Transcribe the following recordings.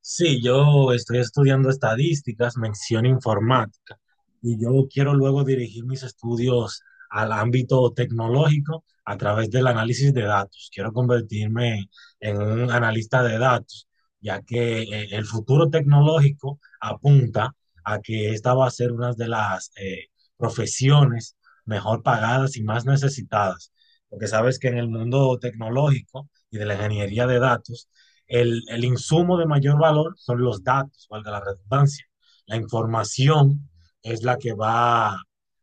Sí, yo estoy estudiando estadísticas, mención informática, y yo quiero luego dirigir mis estudios al ámbito tecnológico a través del análisis de datos. Quiero convertirme en un analista de datos, ya que el futuro tecnológico apunta a que esta va a ser una de las profesiones mejor pagadas y más necesitadas, porque sabes que en el mundo tecnológico y de la ingeniería de datos, el insumo de mayor valor son los datos, valga la redundancia. La información es la que va a,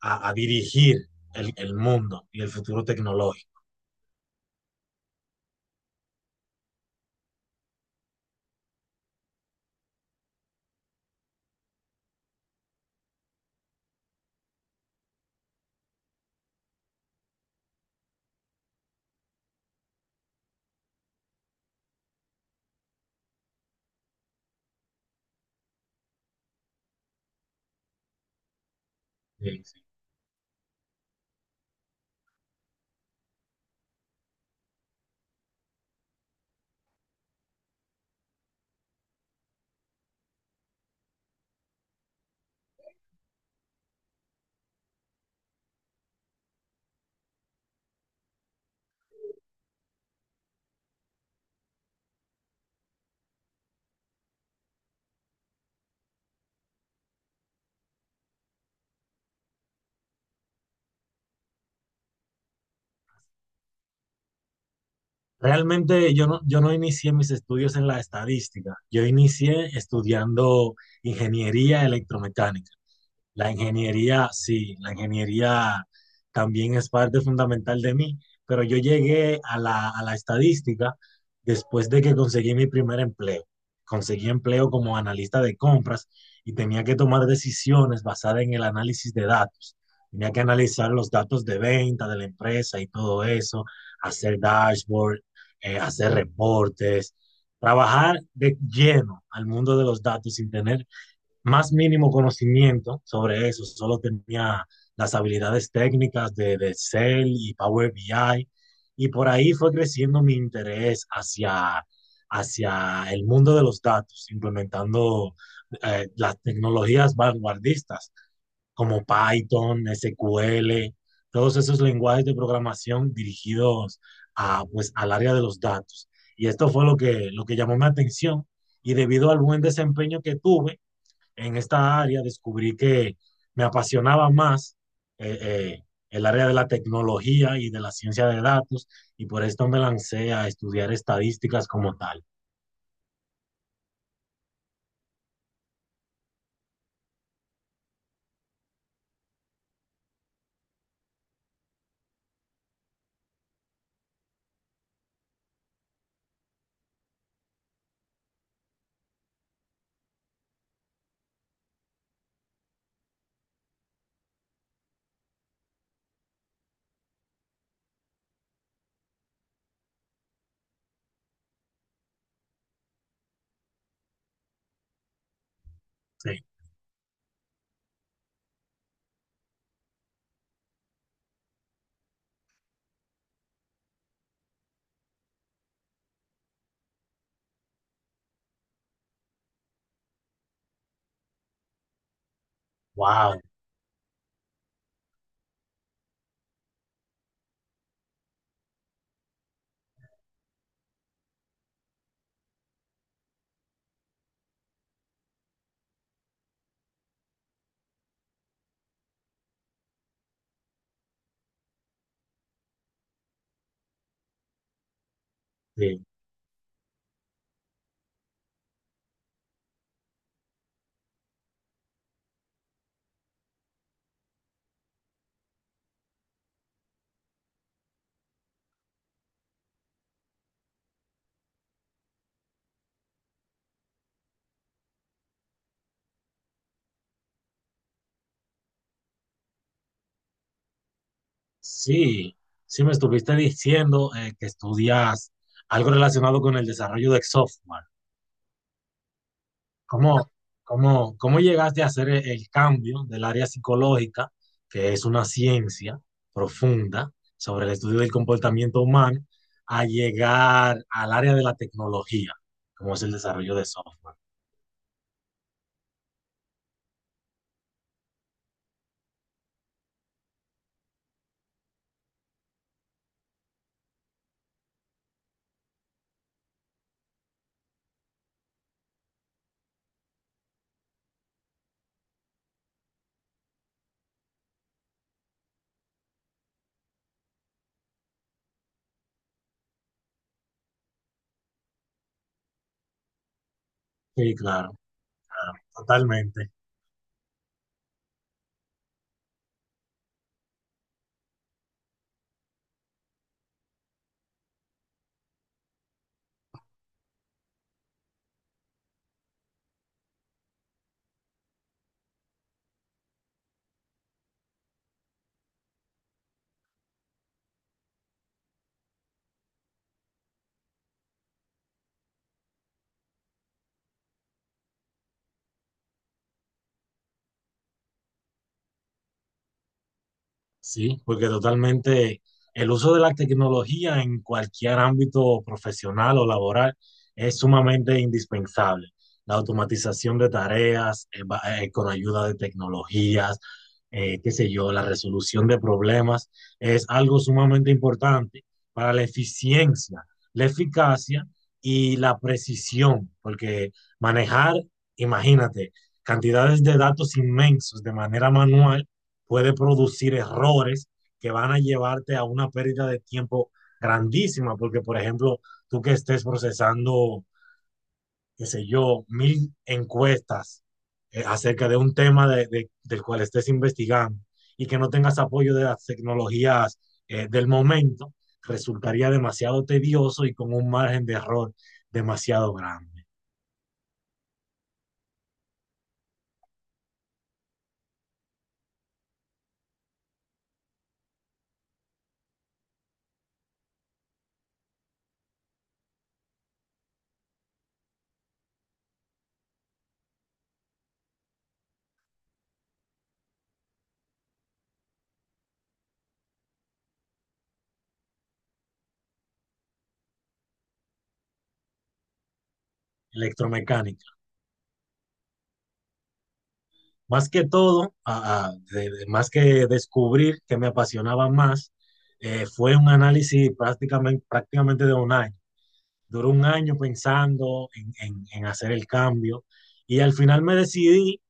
a dirigir el mundo y el futuro tecnológico. Sí. Realmente yo no inicié mis estudios en la estadística, yo inicié estudiando ingeniería electromecánica. La ingeniería, sí, la ingeniería también es parte fundamental de mí, pero yo llegué a la estadística después de que conseguí mi primer empleo. Conseguí empleo como analista de compras y tenía que tomar decisiones basadas en el análisis de datos. Tenía que analizar los datos de venta de la empresa y todo eso, hacer dashboard, hacer reportes, trabajar de lleno al mundo de los datos sin tener más mínimo conocimiento sobre eso, solo tenía las habilidades técnicas de Excel y Power BI, y por ahí fue creciendo mi interés hacia el mundo de los datos, implementando las tecnologías vanguardistas como Python, SQL, todos esos lenguajes de programación dirigidos a, pues, al área de los datos. Y esto fue lo que llamó mi atención y debido al buen desempeño que tuve, en esta área descubrí que me apasionaba más eh, eh, el área de la tecnología y de la ciencia de datos y por esto me lancé a estudiar estadísticas como tal. Sí. Wow. Sí, sí, sí me estuviste diciendo que estudias algo relacionado con el desarrollo de software. ¿Cómo, cómo, cómo llegaste a hacer el cambio del área psicológica, que es una ciencia profunda sobre el estudio del comportamiento humano, a llegar al área de la tecnología, como es el desarrollo de software? Sí, claro, claro, totalmente. Sí, porque totalmente el uso de la tecnología en cualquier ámbito profesional o laboral es sumamente indispensable. La automatización de tareas con ayuda de tecnologías, qué sé yo, la resolución de problemas es algo sumamente importante para la eficiencia, la eficacia y la precisión, porque manejar, imagínate, cantidades de datos inmensos de manera manual puede producir errores que van a llevarte a una pérdida de tiempo grandísima, porque por ejemplo, tú que estés procesando, qué sé yo, mil encuestas acerca de un tema del cual estés investigando y que no tengas apoyo de las tecnologías del momento, resultaría demasiado tedioso y con un margen de error demasiado grande. Electromecánica. Más que todo, más que descubrir que me apasionaba más, fue un análisis prácticamente de un año. Duró un año pensando en, en hacer el cambio y al final me decidí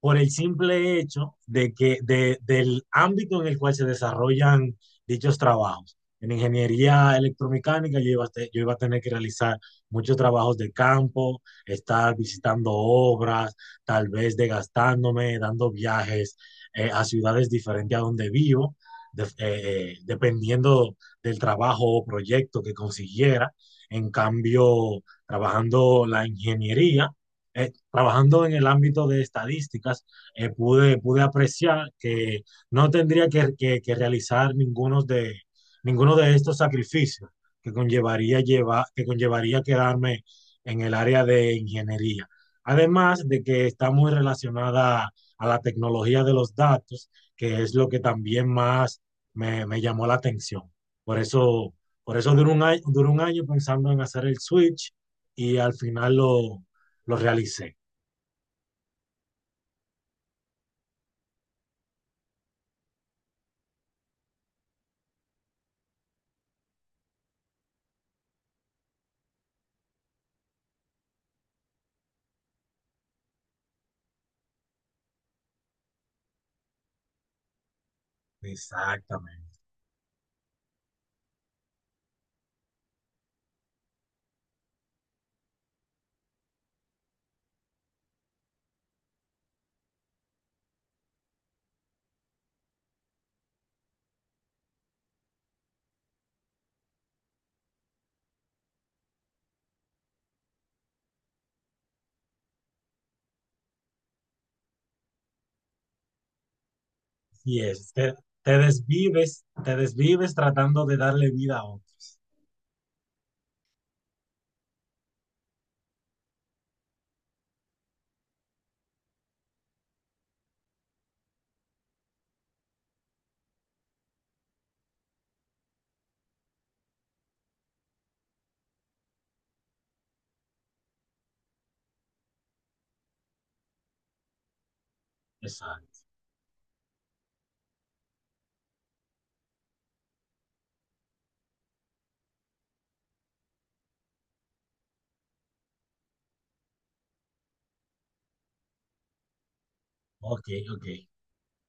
por el simple hecho de que del ámbito en el cual se desarrollan dichos trabajos. En ingeniería electromecánica yo iba a, yo iba a tener que realizar muchos trabajos de campo, estar visitando obras, tal vez desgastándome, dando viajes a ciudades diferentes a donde vivo, dependiendo del trabajo o proyecto que consiguiera. En cambio, trabajando la ingeniería trabajando en el ámbito de estadísticas, pude, pude apreciar que no tendría que realizar ninguno de estos sacrificios que conllevaría, que conllevaría quedarme en el área de ingeniería. Además de que está muy relacionada a la tecnología de los datos, que es lo que también más me, me llamó la atención. Por eso, por eso duró un año pensando en hacer el switch y al final lo realicé. Exactamente. Y es, te, te desvives tratando de darle vida a otro. Exacto. Ok, ok.